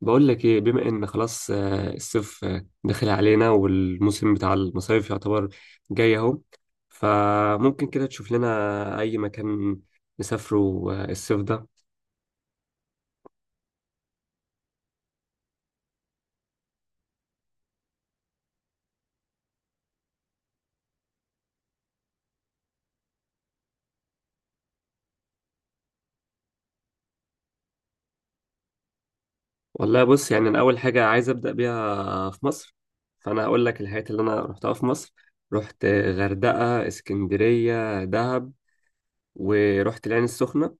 بقول لك ايه، بما ان خلاص الصيف داخل علينا، والموسم بتاع المصايف يعتبر جاي اهو. فممكن كده تشوف لنا اي مكان نسافره. الصيف ده. والله، بص يعني انا اول حاجه عايز ابدا بيها في مصر، فانا هقول لك الحاجات اللي انا رحتها في مصر. رحت غردقه، اسكندريه، دهب، ورحت العين السخنه.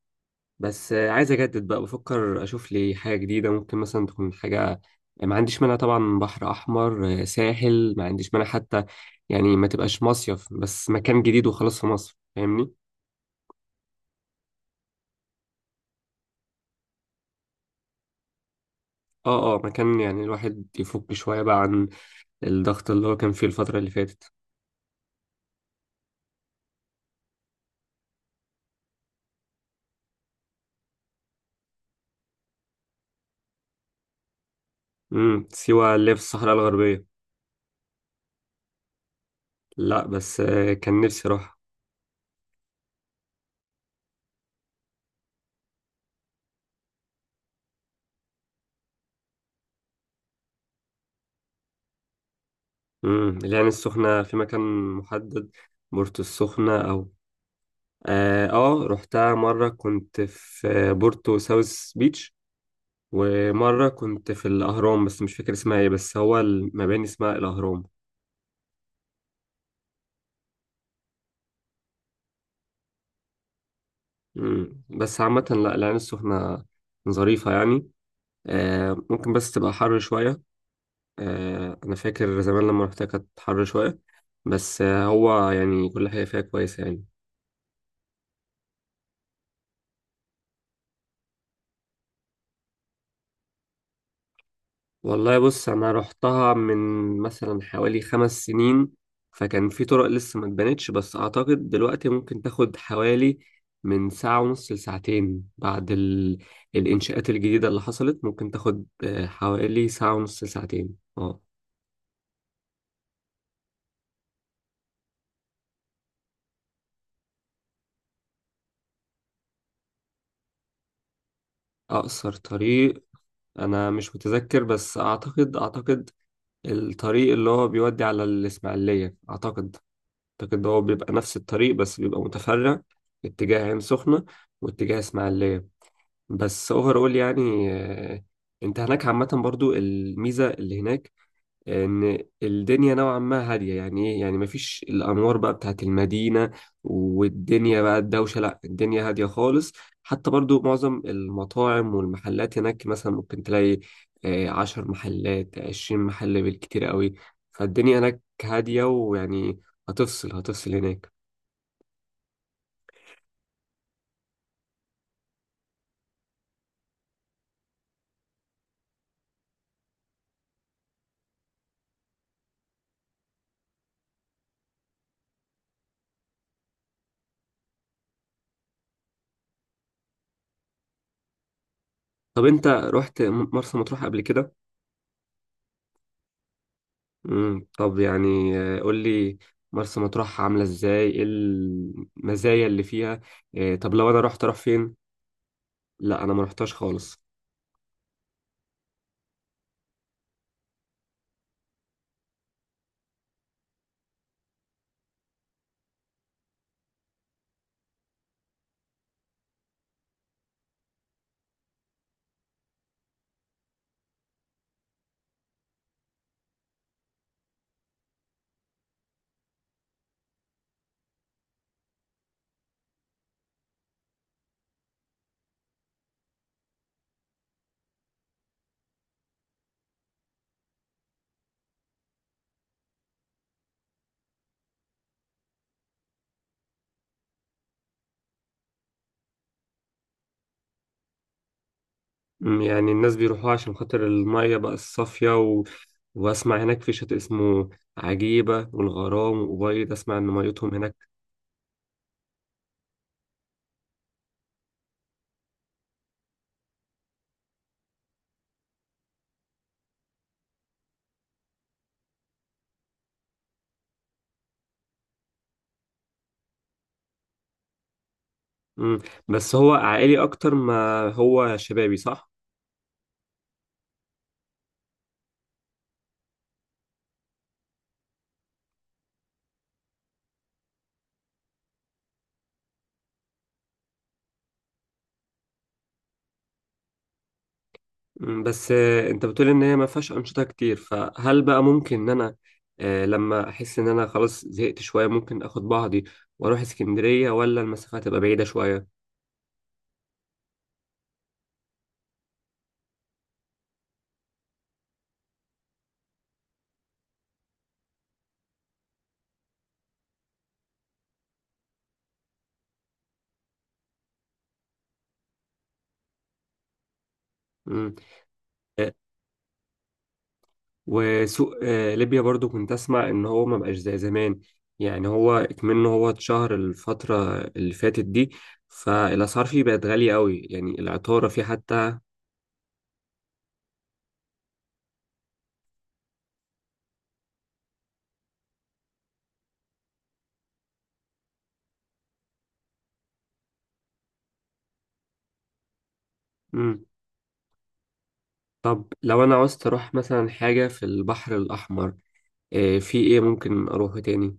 بس عايز اجدد بقى، بفكر اشوف لي حاجه جديده ممكن مثلا تكون حاجه. ما عنديش مانع طبعا، بحر احمر ساحل، ما عنديش مانع حتى، يعني ما تبقاش مصيف، بس مكان جديد وخلاص في مصر، فاهمني. اه، اه، مكان يعني الواحد يفك شويه بقى عن الضغط اللي هو كان فيه الفتره اللي فاتت. سيوه اللي هي في الصحراء الغربيه. لا، بس كان نفسي اروح. العين السخنه في مكان محدد، بورتو السخنه او... اه. رحتها مرة، كنت في بورتو ساوث بيتش، ومرة كنت في الأهرام، بس مش فاكر اسمها ايه، بس هو المباني اسمها الأهرام. مم. بس عامة، لا، العين السخنة ظريفة يعني. ممكن بس تبقى حر شوية. أنا فاكر زمان لما رحتها كانت حر شوية، بس هو يعني كل حاجة فيها كويسة يعني. والله، بص، انا رحتها من مثلا حوالي 5 سنين، فكان في طرق لسه ما اتبنتش، بس اعتقد دلوقتي ممكن تاخد حوالي من ساعة ونص لساعتين بعد الانشاءات الجديدة اللي حصلت. ممكن تاخد حوالي ساعة ونص لساعتين. اه. اقصر طريق، انا مش متذكر، بس اعتقد الطريق اللي هو بيودي على الاسماعيلية. اعتقد اعتقد هو بيبقى نفس الطريق، بس بيبقى متفرع، اتجاه عين سخنة واتجاه اسماعيلية. بس اوفرول يعني انت هناك عامة، برضو الميزة اللي هناك ان الدنيا نوعا ما هادية، يعني ايه يعني، مفيش الانوار بقى بتاعت المدينة والدنيا بقى الدوشة، لا، الدنيا هادية خالص. حتى برضو معظم المطاعم والمحلات هناك مثلا ممكن تلاقي 10 محلات، 20 محل بالكتير قوي. فالدنيا هناك هادية، ويعني هتفصل هناك. طب انت رحت مرسى مطروح قبل كده؟ طب يعني، قول لي، مرسى مطروح عاملة ازاي، ايه المزايا اللي فيها؟ طب لو انا رحت اروح فين؟ لا، انا ما رحتش خالص. يعني الناس بيروحوها عشان خاطر المية بقى الصافية واسمع هناك في شاطئ اسمه عجيبة والغرام وأبيض، اسمع ان ميتهم هناك. امم بس هو عائلي اكتر ما هو شبابي، صح؟ بس انت بتقول ان هي ما فيهاش انشطه كتير، فهل بقى ممكن ان انا لما احس ان انا خلاص زهقت شويه، ممكن اخد بعضي واروح اسكندريه، ولا المسافه هتبقى بعيده شويه؟ مم. آه، وسوق ليبيا برضو كنت اسمع ان هو ما بقاش زي زمان، يعني هو كمان اتشهر الفتره اللي فاتت دي، فالاسعار فيه بقت غاليه قوي، يعني العطاره فيه حتى. مم. طب لو انا عاوزت اروح مثلا حاجه في البحر الاحمر، في ايه ممكن اروحه تاني؟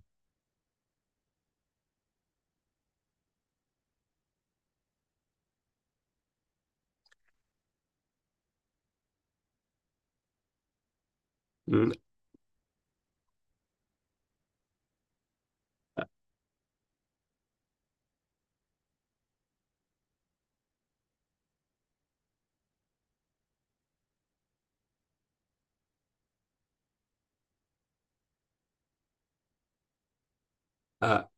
آه.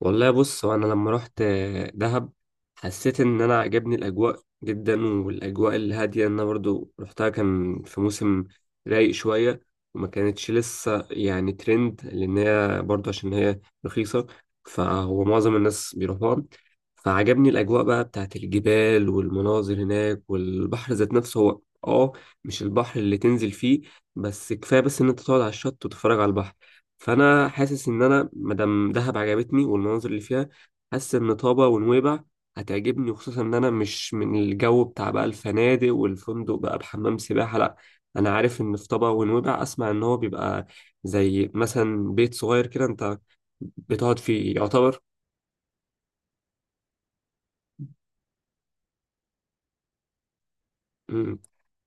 والله، بص، هو انا لما رحت دهب، حسيت ان انا عجبني الاجواء جدا والاجواء الهاديه، إن انا برضو رحتها كان في موسم رايق شويه، وما كانتش لسه يعني ترند، لان هي برضو عشان هي رخيصه، فهو معظم الناس بيروحوها. فعجبني الاجواء بقى بتاعت الجبال والمناظر هناك، والبحر ذات نفسه هو. اه. مش البحر اللي تنزل فيه، بس كفايه بس ان انت تقعد على الشط وتتفرج على البحر. فانا حاسس ان انا مادام دهب عجبتني والمناظر اللي فيها، حاسس ان طابا ونويبع هتعجبني، وخصوصا ان انا مش من الجو بتاع بقى الفنادق والفندق بقى بحمام سباحه، لا. انا عارف ان في طابا ونويبع، اسمع ان هو بيبقى زي مثلا بيت صغير كده انت بتقعد فيه يعتبر. إمم.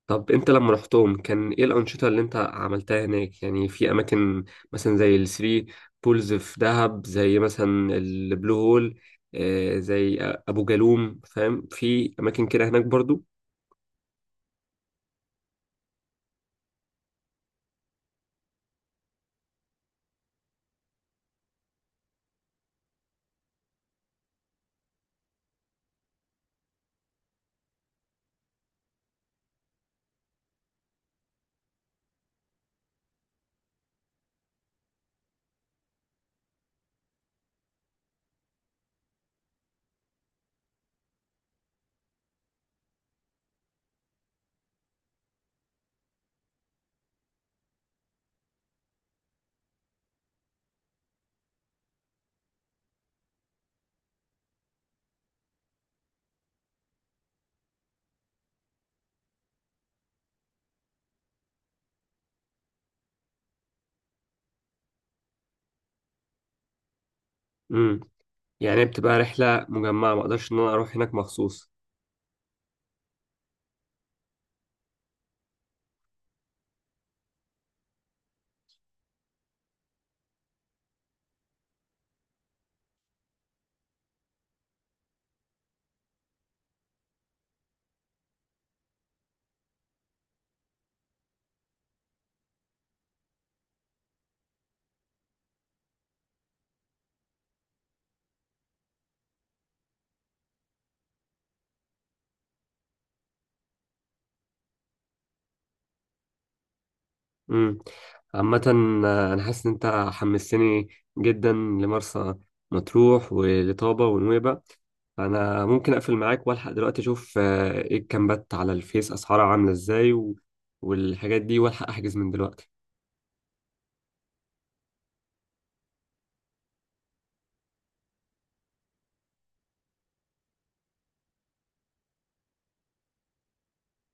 طب انت لما رحتهم كان ايه الانشطه اللي انت عملتها هناك، يعني في اماكن مثلا زي الثري بولز في دهب، زي مثلا البلو هول، زي ابو جالوم، فاهم؟ في اماكن كده هناك برضو. امم يعني بتبقى رحله مجمعه، ما اقدرش ان انا اروح هناك مخصوص؟ امم عامة، أنا حاسس إن أنت حمستني جدا لمرسى مطروح ولطابة ونويبة. أنا ممكن أقفل معاك وألحق دلوقتي أشوف إيه الكامبات على الفيس، أسعارها عاملة إزاي، والحاجات دي، وألحق أحجز من دلوقتي.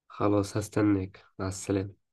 خلاص، هستناك. مع السلامة.